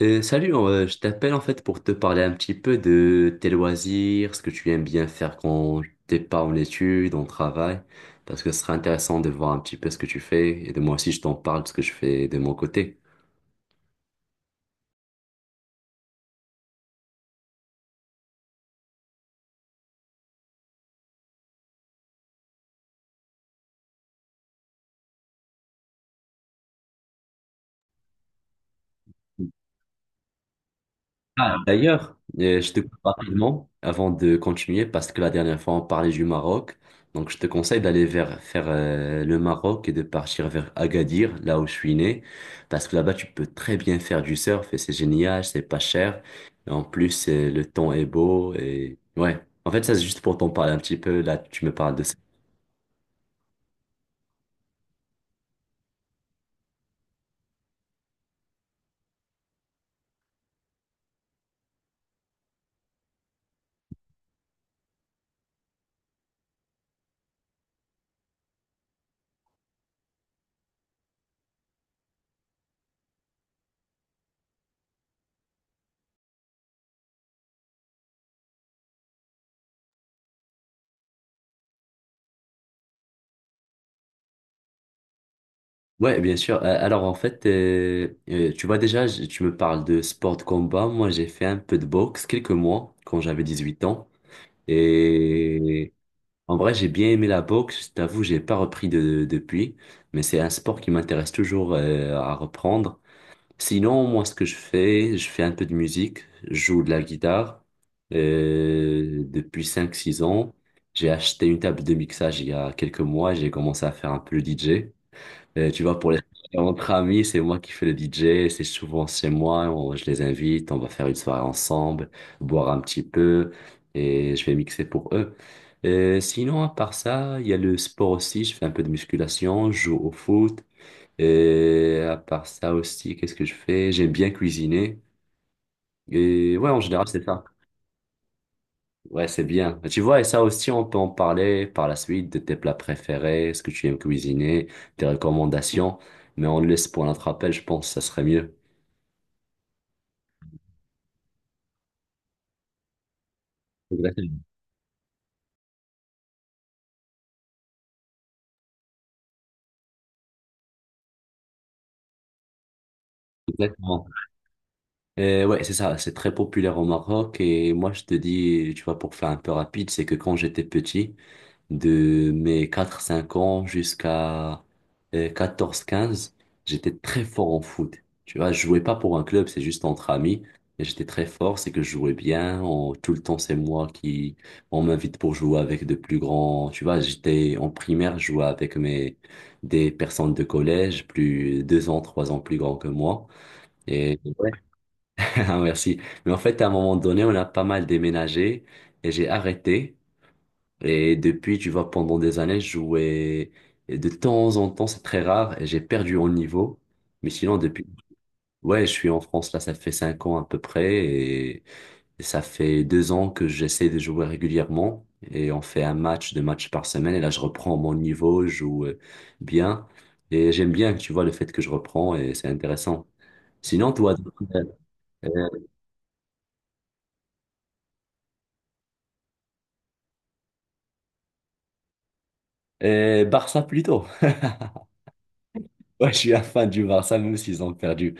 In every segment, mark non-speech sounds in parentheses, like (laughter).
Salut, je t'appelle en fait pour te parler un petit peu de tes loisirs, ce que tu aimes bien faire quand t'es pas en études, en travail, parce que ce serait intéressant de voir un petit peu ce que tu fais et de moi aussi je t'en parle de ce que je fais de mon côté. Ah, d'ailleurs, je te coupe rapidement avant de continuer parce que la dernière fois on parlait du Maroc. Donc je te conseille d'aller vers faire le Maroc et de partir vers Agadir, là où je suis né, parce que là-bas tu peux très bien faire du surf et c'est génial, c'est pas cher. Et en plus le temps est beau et ouais. En fait ça c'est juste pour t'en parler un petit peu. Là tu me parles de ça. Ouais, bien sûr. Alors en fait, tu vois déjà, tu me parles de sport de combat. Moi j'ai fait un peu de boxe quelques mois quand j'avais 18 ans. Et en vrai, j'ai bien aimé la boxe. Je t'avoue, j'ai pas repris de, depuis, mais c'est un sport qui m'intéresse toujours à reprendre. Sinon, moi, ce que je fais un peu de musique. Je joue de la guitare depuis 5, 6 ans. J'ai acheté une table de mixage il y a quelques mois. J'ai commencé à faire un peu le DJ. Tu vois, pour les entre amis, c'est moi qui fais le DJ, c'est souvent chez moi, je les invite, on va faire une soirée ensemble, boire un petit peu, et je vais mixer pour eux. Sinon, à part ça, il y a le sport aussi, je fais un peu de musculation, je joue au foot, et à part ça aussi, qu'est-ce que je fais? J'aime bien cuisiner, et ouais, en général, c'est ça. Ouais, c'est bien. Tu vois, et ça aussi, on peut en parler par la suite de tes plats préférés, ce que tu aimes cuisiner, tes recommandations, mais on le laisse pour notre appel, je pense, ça serait mieux. Exactement. Exactement. Ouais, c'est ça, c'est très populaire au Maroc et moi je te dis, tu vois, pour faire un peu rapide, c'est que quand j'étais petit, de mes 4, 5 ans jusqu'à 14, 15, j'étais très fort en foot. Tu vois, je jouais pas pour un club, c'est juste entre amis, et j'étais très fort, c'est que je jouais bien, tout le temps c'est moi qui, on m'invite pour jouer avec de plus grands, tu vois, j'étais en primaire, je jouais avec mes, des personnes de collège, plus 2 ans, 3 ans plus grands que moi. (laughs) Ah, merci. Mais en fait, à un moment donné, on a pas mal déménagé et j'ai arrêté. Et depuis, tu vois, pendant des années, je jouais et de temps en temps, c'est très rare, et j'ai perdu en niveau. Mais sinon, depuis, ouais, je suis en France, là, ça fait 5 ans à peu près, et ça fait 2 ans que j'essaie de jouer régulièrement. Et on fait un match, deux matchs par semaine, et là, je reprends mon niveau, je joue bien. Et j'aime bien, tu vois, le fait que je reprends, et c'est intéressant. Sinon, toi, euh, Barça plutôt. Ouais, je suis un fan du Barça, même s'ils ont perdu.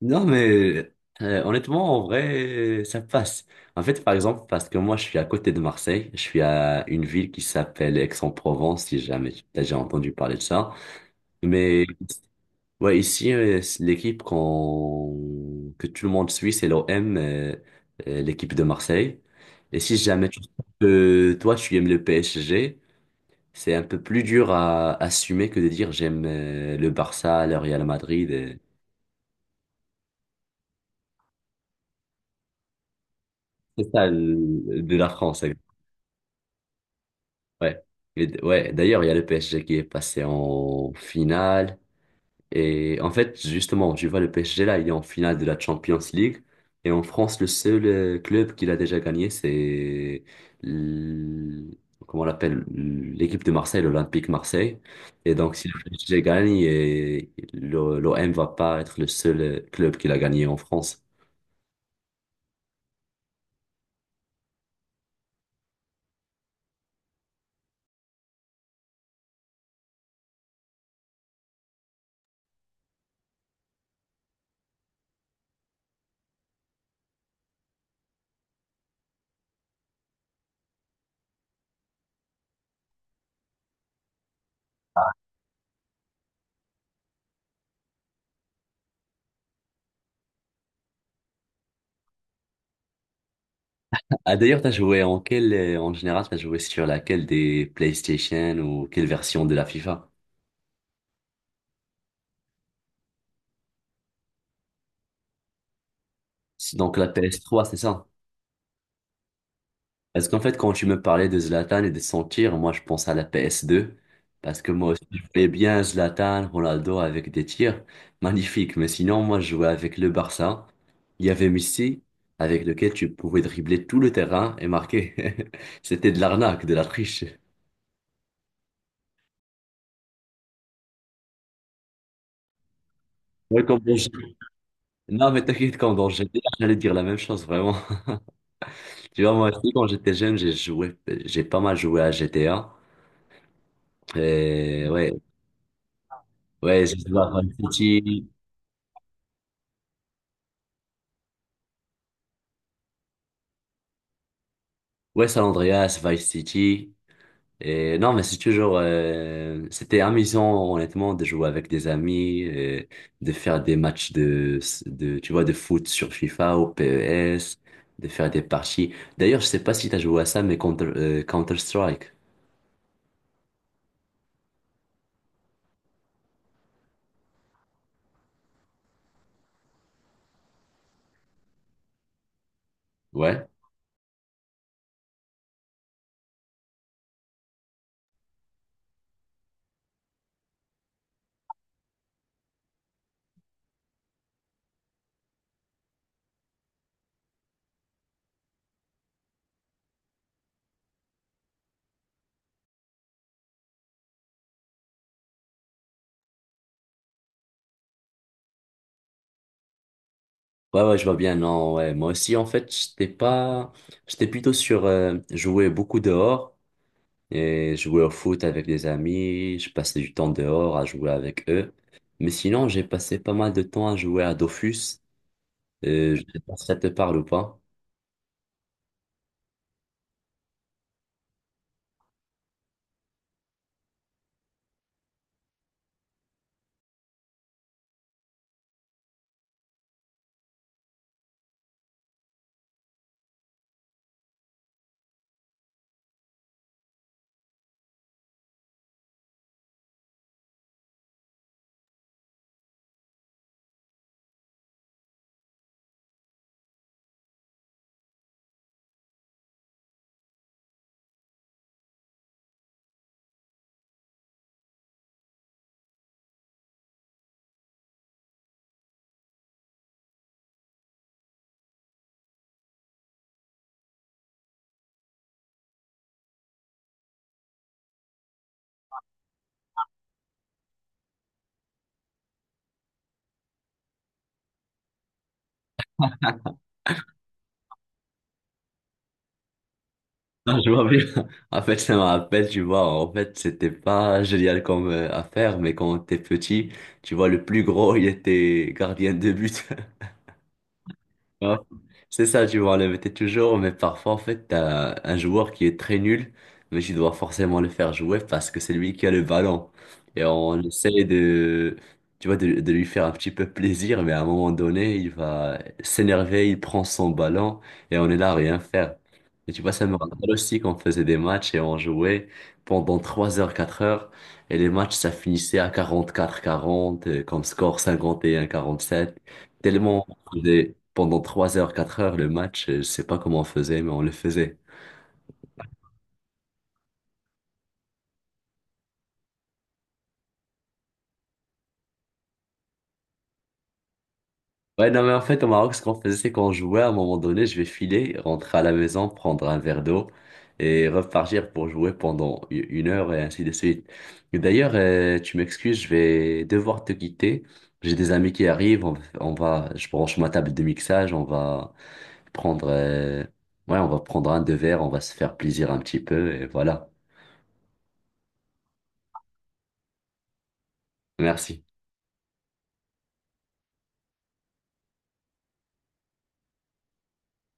Non, mais honnêtement, en vrai, ça passe. En fait, par exemple, parce que moi, je suis à côté de Marseille, je suis à une ville qui s'appelle Aix-en-Provence, si jamais tu as déjà entendu parler de ça. Mais ouais, ici, c'est l'équipe qu'on... que tout le monde suit, c'est l'OM, l'équipe de Marseille. Et si jamais tu... que toi, tu aimes le PSG, c'est un peu plus dur à assumer que de dire j'aime le Barça, le Real Madrid. C'est ça, de la France. Exact. Ouais. Et ouais. D'ailleurs, il y a le PSG qui est passé en finale. Et en fait, justement, tu vois, le PSG là, il est en finale de la Champions League. Et en France, le seul club qu'il a déjà gagné, c'est l- comment on l'appelle, l'équipe de Marseille, l'Olympique Marseille. Et donc, si le PSG gagne, et l'O- M va pas être le seul club qu'il a gagné en France. Ah, d'ailleurs, t'as joué en quelle, en général, t'as joué sur laquelle des PlayStation ou quelle version de la FIFA? C'est donc la PS3, c'est ça? Parce qu'en fait, quand tu me parlais de Zlatan et de son tir, moi, je pense à la PS2. Parce que moi aussi, je voyais bien Zlatan, Ronaldo avec des tirs magnifiques. Mais sinon, moi, je jouais avec le Barça. Il y avait Messi, avec lequel tu pouvais dribbler tout le terrain et marquer. (laughs) C'était de l'arnaque, de la triche. Ouais, non, mais t'inquiète, quand dans GTA, j'allais dire la même chose, vraiment. Tu vois, moi aussi, quand j'étais jeune, j'ai joué, j'ai pas mal joué à G T GTA. Et ouais, ouais, j'ai joué à Vice City, ouais, San Andreas, Vice City. Et non, mais c'est toujours, c'était amusant, honnêtement, de jouer avec des amis, et de faire des matchs de, tu vois, de foot sur FIFA ou PES, de faire des parties. D'ailleurs, je sais pas si t'as joué à ça, mais Counter-Strike. Ouais. Ouais, ouais, je vois bien, non, ouais. Moi aussi, en fait, j'étais pas, j'étais plutôt sur jouer beaucoup dehors et jouer au foot avec des amis. Je passais du temps dehors à jouer avec eux. Mais sinon, j'ai passé pas mal de temps à jouer à Dofus. Je sais pas si ça te parle ou pas. Ah, je vois bien. (laughs) En fait, ça me rappelle, tu vois, en fait, c'était pas génial comme affaire, mais quand t'es petit, tu vois, le plus gros, il était gardien de but. Ouais. C'est ça, tu vois, le t'es toujours, mais parfois, en fait, t'as un joueur qui est très nul, mais tu dois forcément le faire jouer parce que c'est lui qui a le ballon. Et on essaie de, tu vois, de lui faire un petit peu plaisir, mais à un moment donné, il va s'énerver, il prend son ballon et on est là à rien faire. Et tu vois, ça me rappelle aussi qu'on faisait des matchs et on jouait pendant 3 heures, 4 heures, et les matchs, ça finissait à 44-40, comme score 51-47. Tellement faisait pendant 3 heures, 4 heures le match. Je sais pas comment on faisait, mais on le faisait. Ouais, non, mais en fait, au Maroc, ce qu'on faisait, c'est qu'on jouait à un moment donné, je vais filer, rentrer à la maison, prendre un verre d'eau et repartir pour jouer pendant 1 heure et ainsi de suite. Et d'ailleurs, tu m'excuses, je vais devoir te quitter. J'ai des amis qui arrivent, on va, je branche ma table de mixage, on va prendre, ouais, on va prendre un deux verres, on va se faire plaisir un petit peu et voilà. Merci.